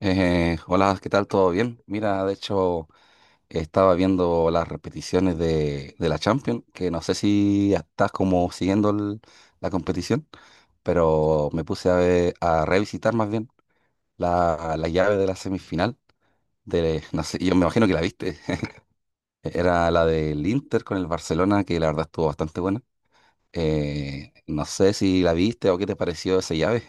Hola, ¿qué tal? ¿Todo bien? Mira, de hecho, estaba viendo las repeticiones de la Champions, que no sé si estás como siguiendo la competición, pero me puse a, a revisitar más bien la llave de la semifinal. De, no sé, yo me imagino que la viste. Era la del Inter con el Barcelona, que la verdad estuvo bastante buena. No sé si la viste o qué te pareció esa llave.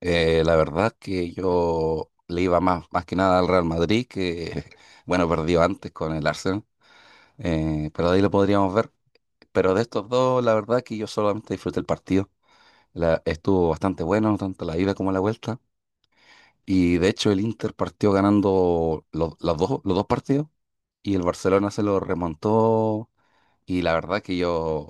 La verdad que yo le iba más, más que nada al Real Madrid, que bueno, perdió antes con el Arsenal, pero de ahí lo podríamos ver. Pero de estos dos, la verdad que yo solamente disfruté el partido. Estuvo bastante bueno, tanto la ida como la vuelta. Y de hecho el Inter partió ganando los dos partidos y el Barcelona se lo remontó, y la verdad que yo,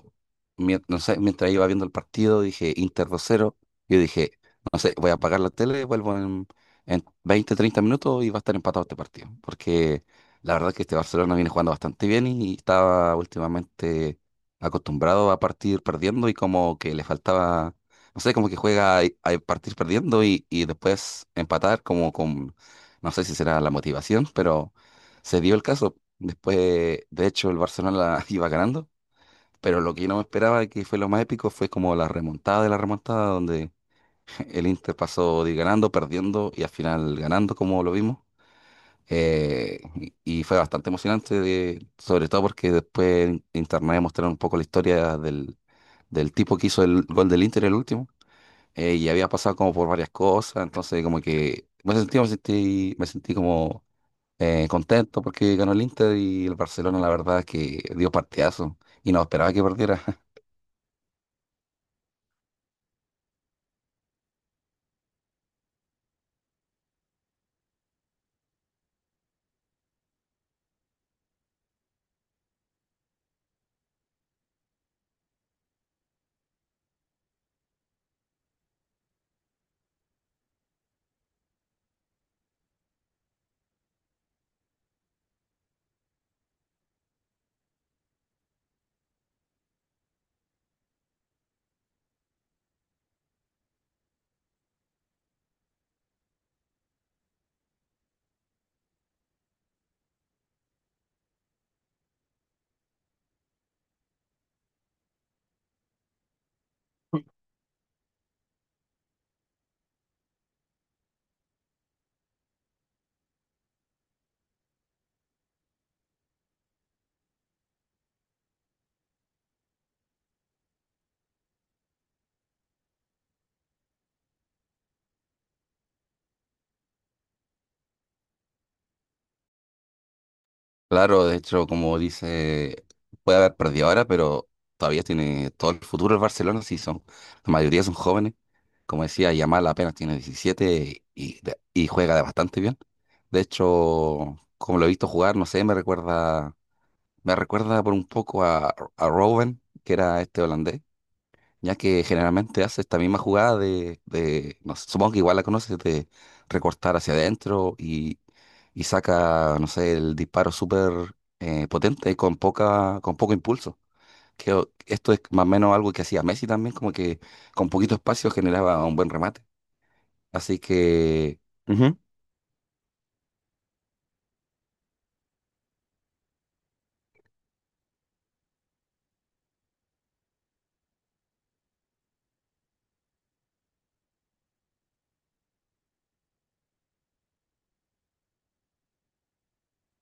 no sé, mientras iba viendo el partido, dije Inter dos cero. Yo dije, no sé, voy a apagar la tele, vuelvo en 20, 30 minutos y va a estar empatado este partido. Porque la verdad que este Barcelona viene jugando bastante bien y estaba últimamente acostumbrado a partir perdiendo y como que le faltaba, no sé, como que juega a partir perdiendo y después empatar como con, no sé si será la motivación, pero se dio el caso. Después, de hecho, el Barcelona la iba ganando, pero lo que yo no me esperaba, que fue lo más épico, fue como la remontada de la remontada, donde el Inter pasó de ir ganando, perdiendo y al final ganando, como lo vimos. Y y fue bastante emocionante, sobre todo porque después en internet mostraron un poco la historia del, del tipo que hizo el gol del Inter, el último, y había pasado como por varias cosas, entonces como que me sentí como contento porque ganó el Inter, y el Barcelona, la verdad, es que dio partidazo y no esperaba que perdiera. Claro, de hecho, como dice, puede haber perdido ahora, pero todavía tiene todo el futuro el Barcelona, sí son, la mayoría son jóvenes. Como decía, Yamal apenas tiene 17 y, y juega de bastante bien. De hecho, como lo he visto jugar, no sé, me recuerda por un poco a Robben, que era este holandés, ya que generalmente hace esta misma jugada de no sé, supongo que igual la conoces, de recortar hacia adentro y saca, no sé, el disparo súper potente con poca, con poco impulso. Que esto es más o menos algo que hacía Messi también, como que con poquito espacio generaba un buen remate. Así que, ujú,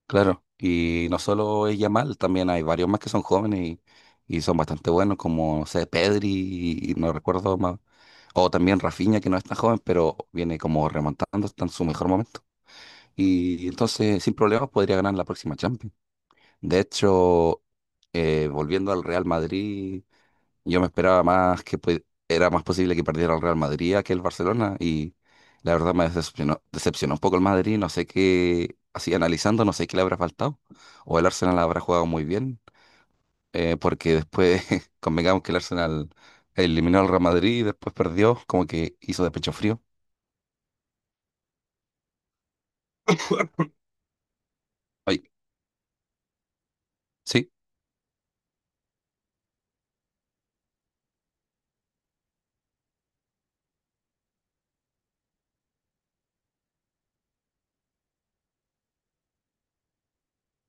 claro, y no solo es Yamal, también hay varios más que son jóvenes y son bastante buenos, como, no sé, Pedri, y no recuerdo más. O también Rafinha, que no es tan joven, pero viene como remontando, está en su mejor momento. Y entonces, sin problemas, podría ganar la próxima Champions. De hecho, volviendo al Real Madrid, yo me esperaba más que era más posible que perdiera el Real Madrid a que el Barcelona. Y la verdad me decepcionó un poco el Madrid. No sé qué, así analizando, no sé qué le habrá faltado. O el Arsenal habrá jugado muy bien, porque después convengamos que el Arsenal eliminó al Real Madrid y después perdió, como que hizo de pecho frío. Ay, sí,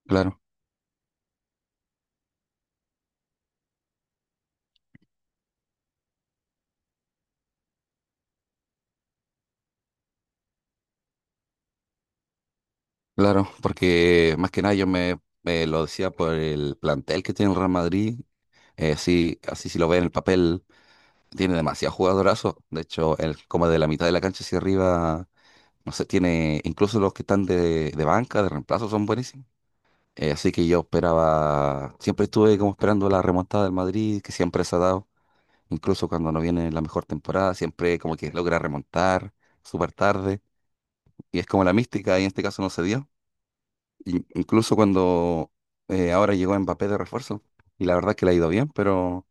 claro, claro, porque más que nada yo me lo decía por el plantel que tiene el Real Madrid. Sí, así si lo ve en el papel, tiene demasiados jugadorazos. De hecho, el, como de la mitad de la cancha hacia arriba, no sé, tiene, incluso los que están de banca, de reemplazo, son buenísimos. Así que yo esperaba, siempre estuve como esperando la remontada del Madrid, que siempre se ha dado. Incluso cuando no viene la mejor temporada, siempre como que logra remontar súper tarde. Y es como la mística, y en este caso no se dio. Incluso cuando ahora llegó Mbappé de refuerzo. Y la verdad que le ha ido bien, pero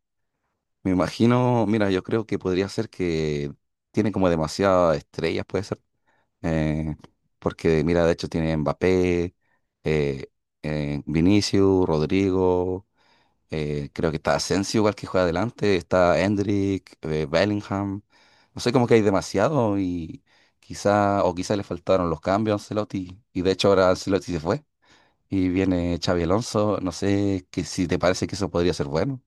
me imagino, mira, yo creo que podría ser que tiene como demasiadas estrellas, puede ser. eh, Porque, mira, de hecho tiene Mbappé, eh, Vinicius, Rodrigo, creo que está Asensio igual que juega adelante, está Endrick, Bellingham. No sé, como que hay demasiado, y quizá, o quizá le faltaron los cambios a Ancelotti. Y de hecho ahora Ancelotti se fue y viene Xavi Alonso. No sé que si te parece que eso podría ser bueno.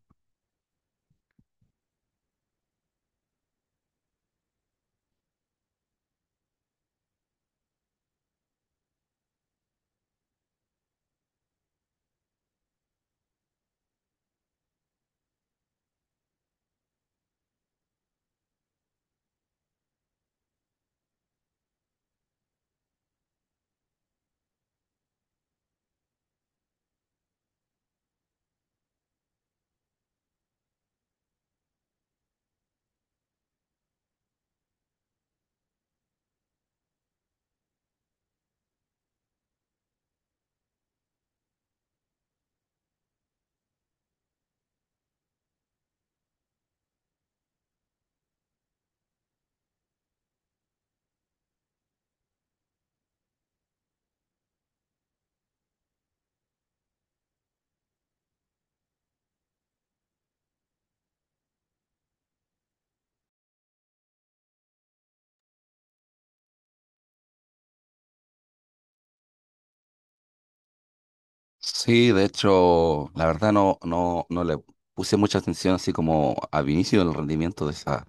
Sí, de hecho, la verdad no le puse mucha atención así como al inicio del rendimiento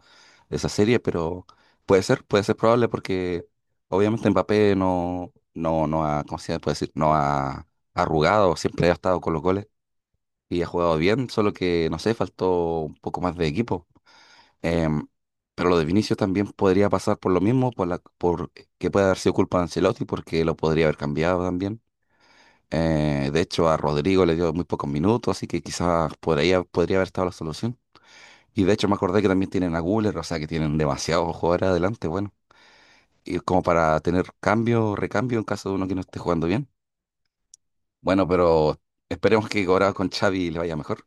de esa serie, pero puede ser probable porque obviamente Mbappé no ha, ¿cómo se puede decir? No ha arrugado, siempre ha estado con los goles y ha jugado bien, solo que, no sé, faltó un poco más de equipo. Em, pero lo de Vinicius también podría pasar por lo mismo, por la, por que puede haber sido culpa de Ancelotti porque lo podría haber cambiado también. De hecho, a Rodrigo le dio muy pocos minutos, así que quizás por ahí podría haber estado la solución. Y de hecho me acordé que también tienen a Guller, o sea que tienen demasiados jugadores adelante, bueno. Y como para tener cambio, recambio en caso de uno que no esté jugando bien. Bueno, pero esperemos que ahora con Xavi le vaya mejor.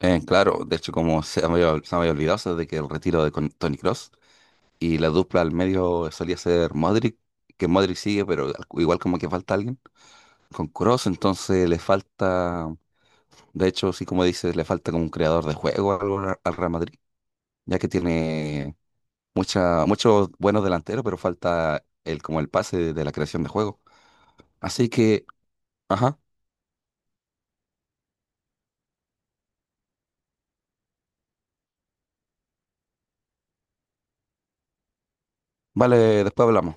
Claro, de hecho como se me había olvidado, eso de que el retiro de Tony Cross y la dupla al medio solía ser Modric, que Modric sigue, pero igual como que falta alguien. Con Cross entonces le falta... De hecho, sí, como dices, le falta como un creador de juego o algo al Real Madrid, ya que tiene mucha, muchos buenos delanteros, pero falta el, como el pase de la creación de juego. Así que, ajá, vale, después hablamos.